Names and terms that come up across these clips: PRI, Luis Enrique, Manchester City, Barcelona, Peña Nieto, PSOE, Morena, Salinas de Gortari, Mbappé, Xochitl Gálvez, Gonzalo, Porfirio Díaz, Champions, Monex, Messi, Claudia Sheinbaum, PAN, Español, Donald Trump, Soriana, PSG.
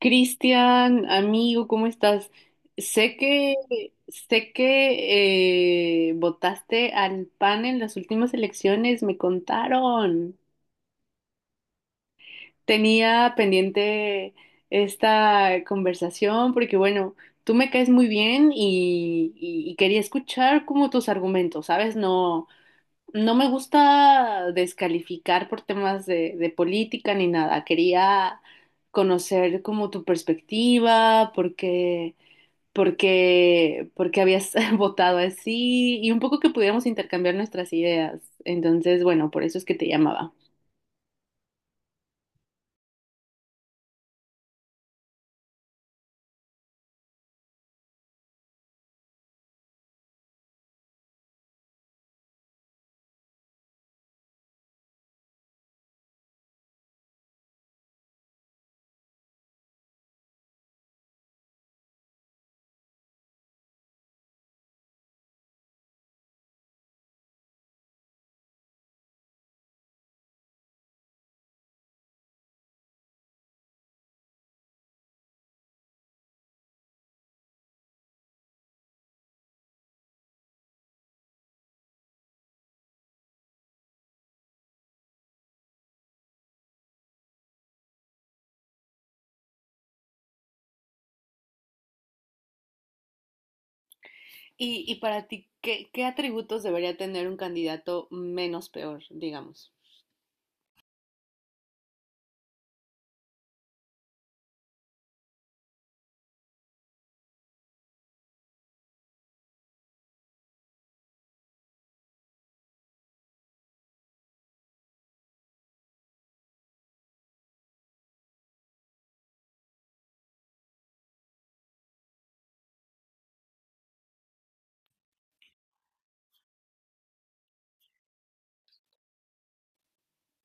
Cristian, amigo, ¿cómo estás? Sé que sé que votaste al PAN en las últimas elecciones, me contaron. Tenía pendiente esta conversación porque, bueno, tú me caes muy bien y quería escuchar como tus argumentos, ¿sabes? No, no me gusta descalificar por temas de política ni nada. Quería conocer como tu perspectiva, porque habías votado así y un poco que pudiéramos intercambiar nuestras ideas. Entonces, bueno, por eso es que te llamaba. Y para ti, ¿ qué atributos debería tener un candidato menos peor, digamos?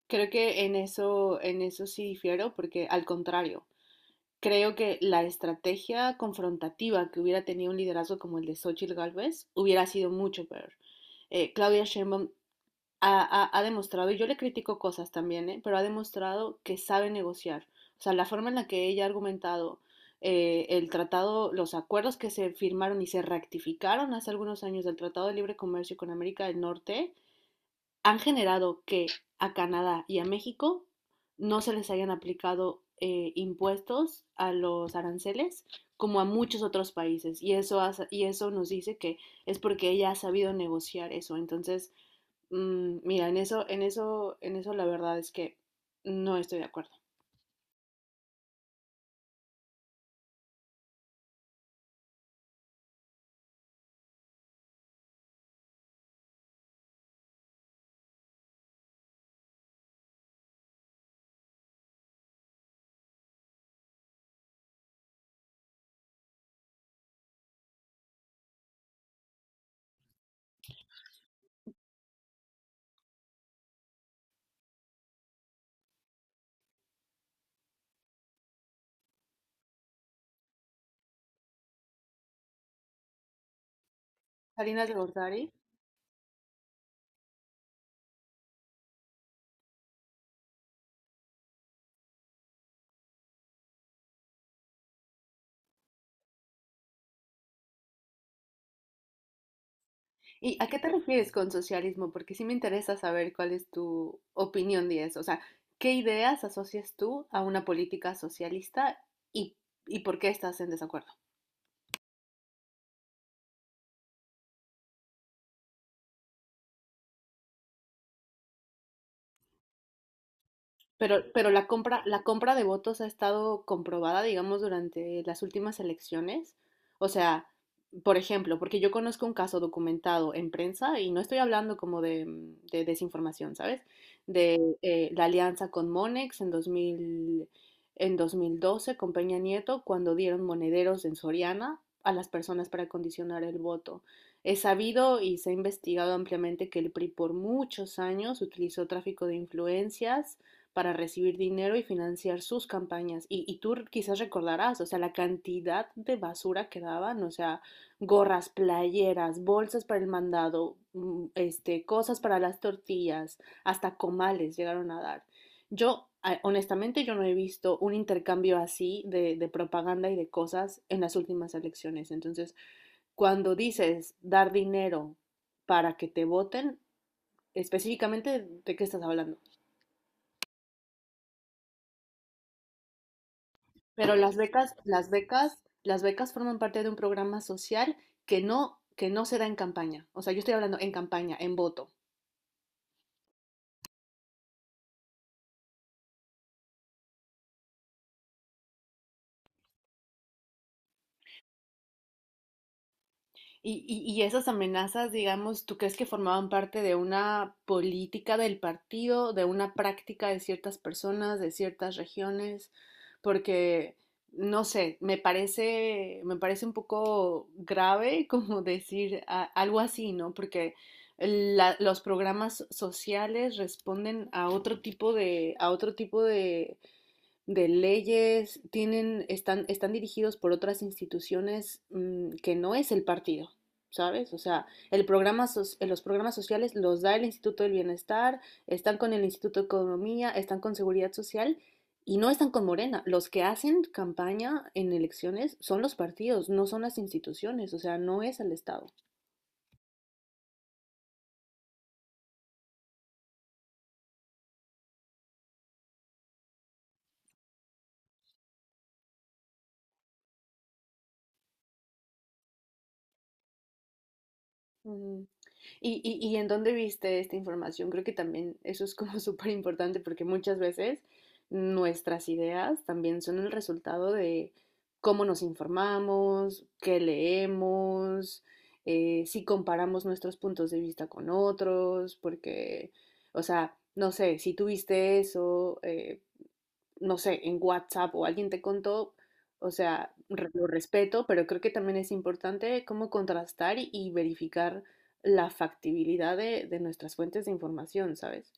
Creo que en eso sí difiero, porque al contrario, creo que la estrategia confrontativa que hubiera tenido un liderazgo como el de Xochitl Gálvez hubiera sido mucho peor. Claudia Sheinbaum ha demostrado, y yo le critico cosas también, ¿eh? Pero ha demostrado que sabe negociar. O sea, la forma en la que ella ha argumentado el tratado, los acuerdos que se firmaron y se rectificaron hace algunos años del Tratado de Libre Comercio con América del Norte, han generado que a Canadá y a México no se les hayan aplicado impuestos a los aranceles como a muchos otros países. Y eso, y eso nos dice que es porque ella ha sabido negociar eso. Entonces, mira, en eso la verdad es que no estoy de acuerdo. Salinas de Gortari. ¿Y a qué te refieres con socialismo? Porque sí me interesa saber cuál es tu opinión de eso. O sea, ¿qué ideas asocias tú a una política socialista y, y por qué estás en desacuerdo? Pero la compra de votos ha estado comprobada, digamos, durante las últimas elecciones. O sea, por ejemplo, porque yo conozco un caso documentado en prensa y no estoy hablando como de desinformación, ¿sabes? De la alianza con Monex en 2012 con Peña Nieto cuando dieron monederos en Soriana a las personas para condicionar el voto. Es sabido y se ha investigado ampliamente que el PRI por muchos años utilizó tráfico de influencias para recibir dinero y financiar sus campañas. Y tú quizás recordarás, o sea, la cantidad de basura que daban, o sea, gorras, playeras, bolsas para el mandado, este, cosas para las tortillas, hasta comales llegaron a dar. Honestamente, yo no he visto un intercambio así de propaganda y de cosas en las últimas elecciones. Entonces, cuando dices dar dinero para que te voten, específicamente, ¿de qué estás hablando? Pero las becas forman parte de un programa social que no se da en campaña. O sea, yo estoy hablando en campaña, en voto. Y esas amenazas, digamos, ¿tú crees que formaban parte de una política del partido, de una práctica de ciertas personas, de ciertas regiones? Porque, no sé, me parece un poco grave como decir algo así, ¿no? Porque los programas sociales responden a otro tipo a otro tipo de leyes, están dirigidos por otras instituciones que no es el partido, ¿sabes? O sea, el los programas sociales los da el Instituto del Bienestar, están con el Instituto de Economía, están con Seguridad Social y no están con Morena. Los que hacen campaña en elecciones son los partidos, no son las instituciones, o sea, no es el Estado. Ujú. ¿Y en dónde viste esta información? Creo que también eso es como súper importante porque muchas veces nuestras ideas también son el resultado de cómo nos informamos, qué leemos, si comparamos nuestros puntos de vista con otros, porque, o sea, no sé, si tú viste eso, no sé, en WhatsApp o alguien te contó, o sea, lo respeto, pero creo que también es importante cómo contrastar y verificar la factibilidad de nuestras fuentes de información, ¿sabes?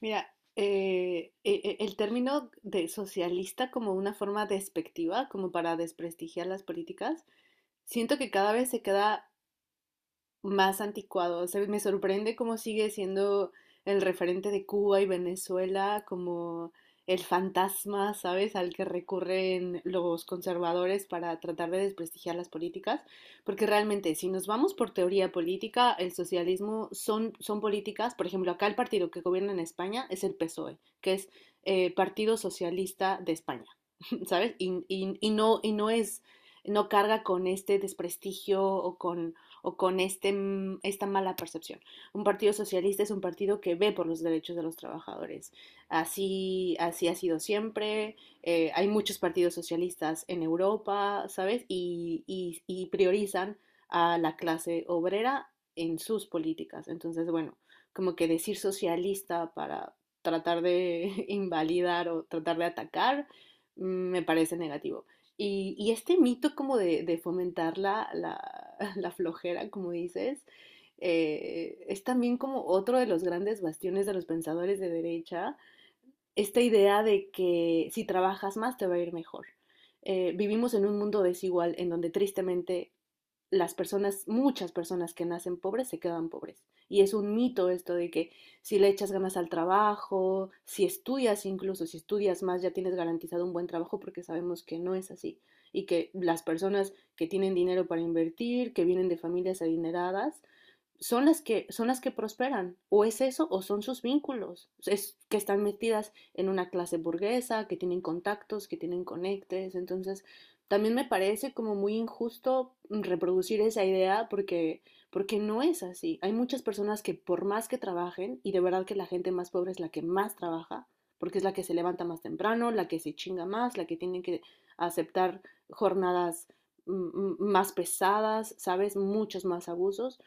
Mira, el término de socialista como una forma despectiva, como para desprestigiar las políticas, siento que cada vez se queda más anticuado. O sea, me sorprende cómo sigue siendo el referente de Cuba y Venezuela como el fantasma, ¿sabes?, al que recurren los conservadores para tratar de desprestigiar las políticas, porque realmente si nos vamos por teoría política, el socialismo son políticas, por ejemplo, acá el partido que gobierna en España es el PSOE, que es Partido Socialista de España, ¿sabes? Y no es, no carga con este desprestigio o con esta mala percepción. Un partido socialista es un partido que ve por los derechos de los trabajadores. Así ha sido siempre. Hay muchos partidos socialistas en Europa, ¿sabes? Y priorizan a la clase obrera en sus políticas. Entonces, bueno, como que decir socialista para tratar de invalidar o tratar de atacar me parece negativo. Y este mito como de fomentar la flojera, como dices, es también como otro de los grandes bastiones de los pensadores de derecha, esta idea de que si trabajas más te va a ir mejor. Vivimos en un mundo desigual en donde tristemente muchas personas que nacen pobres se quedan pobres. Y es un mito esto de que si le echas ganas al trabajo, si estudias incluso, si estudias más, ya tienes garantizado un buen trabajo porque sabemos que no es así. Y que las personas que tienen dinero para invertir, que vienen de familias adineradas, son las que prosperan o es eso o son sus vínculos, es que están metidas en una clase burguesa que tienen contactos, que tienen conectes, entonces también me parece como muy injusto reproducir esa idea porque no es así. Hay muchas personas que por más que trabajen, y de verdad que la gente más pobre es la que más trabaja porque es la que se levanta más temprano, la que se chinga más, la que tiene que aceptar jornadas más pesadas, ¿sabes? Muchos más abusos,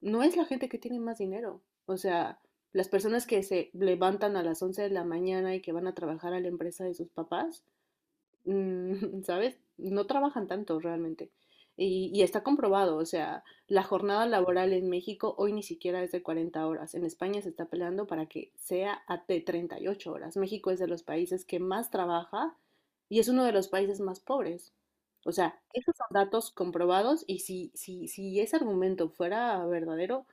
no es la gente que tiene más dinero. O sea, las personas que se levantan a las 11 de la mañana y que van a trabajar a la empresa de sus papás, ¿sabes? No trabajan tanto realmente. Y está comprobado, o sea, la jornada laboral en México hoy ni siquiera es de 40 horas. En España se está peleando para que sea de 38 horas. México es de los países que más trabaja y es uno de los países más pobres. O sea, esos son datos comprobados y si ese argumento fuera verdadero,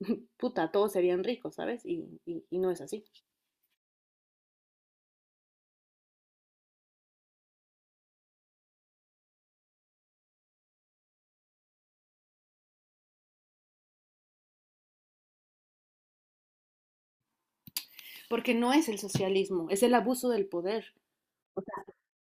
puta, todos serían ricos, ¿sabes? Y no es así. Porque no es el socialismo, es el abuso del poder.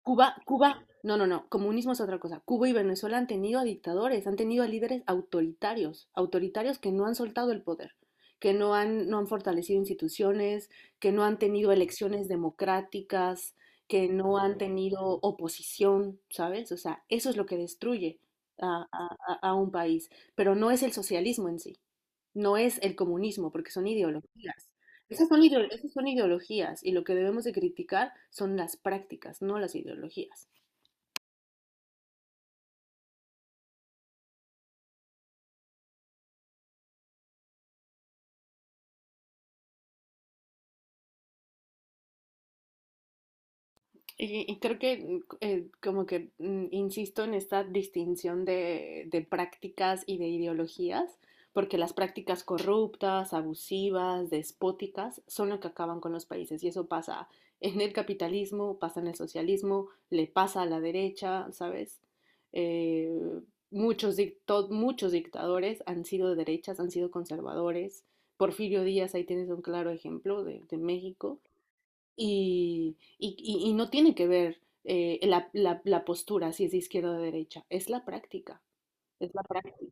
Cuba, Cuba, no, no, no, comunismo es otra cosa. Cuba y Venezuela han tenido a dictadores, han tenido a líderes autoritarios, autoritarios que no han soltado el poder, que no han, no han fortalecido instituciones, que no han tenido elecciones democráticas, que no han tenido oposición, ¿sabes? O sea, eso es lo que destruye a, a- a un país, pero no es el socialismo en sí, no es el comunismo, porque son ideologías. Esas son, esas son ideologías y lo que debemos de criticar son las prácticas, no las ideologías. Y creo que como que insisto en esta distinción de prácticas y de ideologías, porque las prácticas corruptas, abusivas, despóticas, son lo que acaban con los países. Y eso pasa en el capitalismo, pasa en el socialismo, le pasa a la derecha, ¿sabes? Eh, muchos dictadores han sido de derechas, han sido conservadores. Porfirio Díaz, ahí tienes un claro ejemplo de México y no tiene que ver la postura, si es de izquierda o de derecha, es la práctica, es la práctica.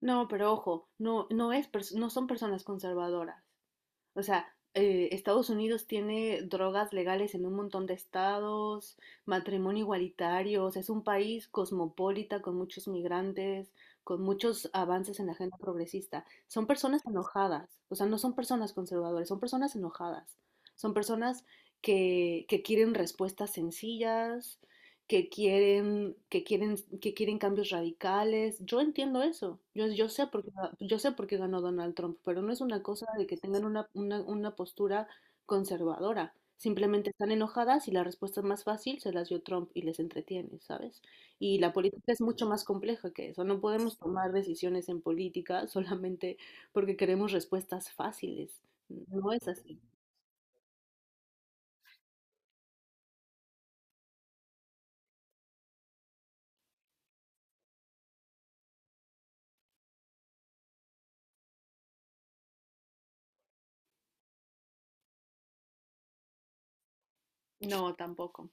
No, pero ojo, no son personas conservadoras. O sea, Estados Unidos tiene drogas legales en un montón de estados, matrimonio igualitario, o sea, es un país cosmopolita con muchos migrantes, con muchos avances en la agenda progresista. Son personas enojadas, o sea, no son personas conservadoras, son personas enojadas. Son personas que quieren respuestas sencillas, que quieren cambios radicales. Yo entiendo eso. Yo sé por qué ganó Donald Trump, pero no es una cosa de que tengan una postura conservadora. Simplemente están enojadas y la respuesta más fácil se las dio Trump y les entretiene, ¿sabes? Y la política es mucho más compleja que eso. No podemos tomar decisiones en política solamente porque queremos respuestas fáciles. No es así. No, tampoco.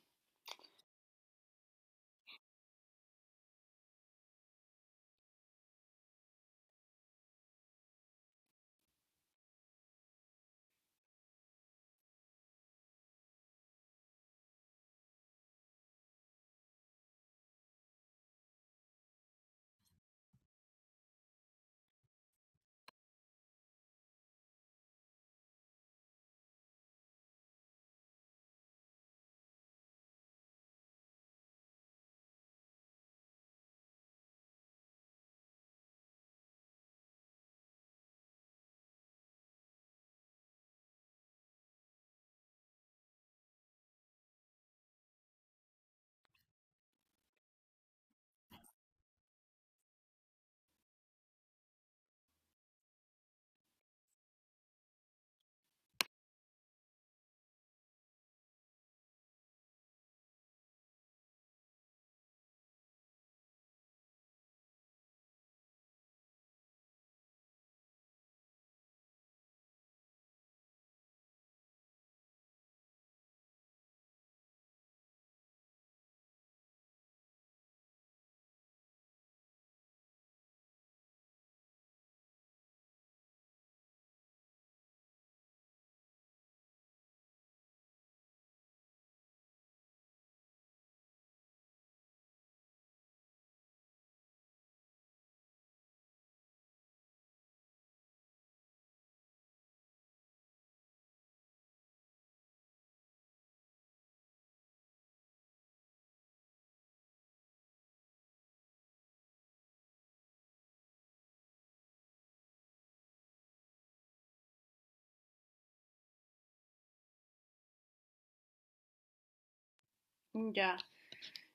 Ya.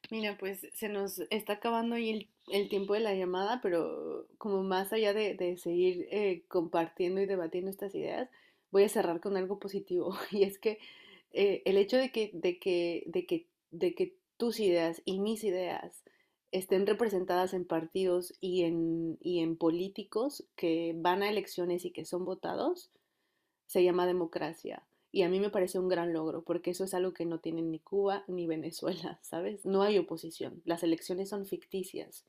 Mira, pues se nos está acabando ahí el tiempo de la llamada, pero como más allá de seguir compartiendo y debatiendo estas ideas, voy a cerrar con algo positivo. Y es que el hecho de que tus ideas y mis ideas estén representadas en partidos y en políticos que van a elecciones y que son votados, se llama democracia. Y a mí me parece un gran logro, porque eso es algo que no tienen ni Cuba ni Venezuela, ¿sabes? No hay oposición, las elecciones son ficticias.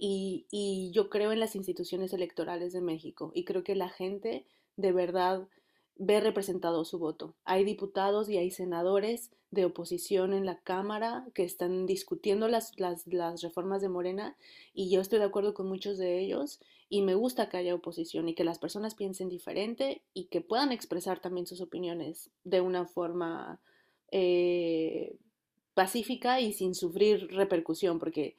Y yo creo en las instituciones electorales de México y creo que la gente de verdad ve representado su voto. Hay diputados y hay senadores de oposición en la Cámara que están discutiendo las reformas de Morena y yo estoy de acuerdo con muchos de ellos, y me gusta que haya oposición y que las personas piensen diferente y que puedan expresar también sus opiniones de una forma eh, pacífica y sin sufrir repercusión, porque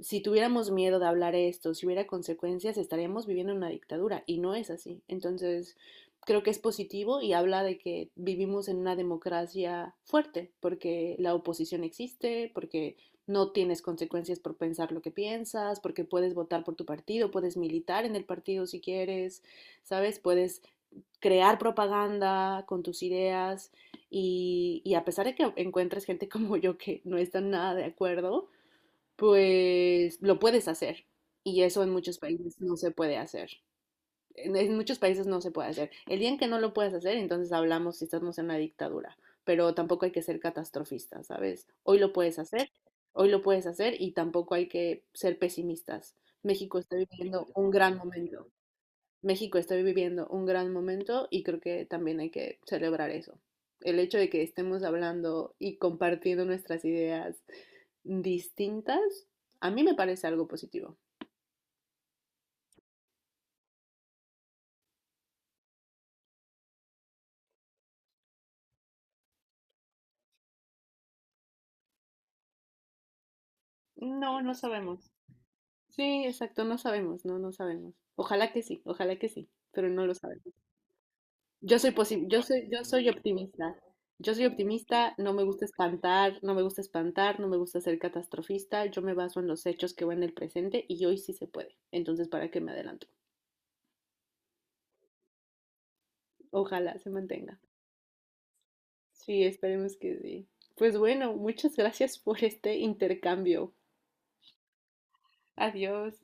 si tuviéramos miedo de hablar esto, si hubiera consecuencias, estaríamos viviendo en una dictadura y no es así. Entonces, creo que es positivo y habla de que vivimos en una democracia fuerte, porque la oposición existe, porque no tienes consecuencias por pensar lo que piensas, porque puedes votar por tu partido, puedes militar en el partido si quieres, ¿sabes? Puedes crear propaganda con tus ideas y a pesar de que encuentres gente como yo que no está nada de acuerdo, pues lo puedes hacer. Y eso en muchos países no se puede hacer, en muchos países no se puede hacer. El día en que no lo puedas hacer, entonces hablamos si estamos en una dictadura, pero tampoco hay que ser catastrofistas, ¿sabes? Hoy lo puedes hacer, y tampoco hay que ser pesimistas. México está viviendo un gran momento. Y creo que también hay que celebrar eso. El hecho de que estemos hablando y compartiendo nuestras ideas distintas, a mí me parece algo positivo. No, no sabemos. Sí, exacto, no sabemos. Ojalá que sí, pero no lo sabemos. Yo soy optimista. No me gusta espantar, no me gusta ser catastrofista. Yo me baso en los hechos que van en el presente y hoy sí se puede. Entonces, ¿para qué me adelanto? Ojalá se mantenga. Sí, esperemos que sí. Pues bueno, muchas gracias por este intercambio. Adiós.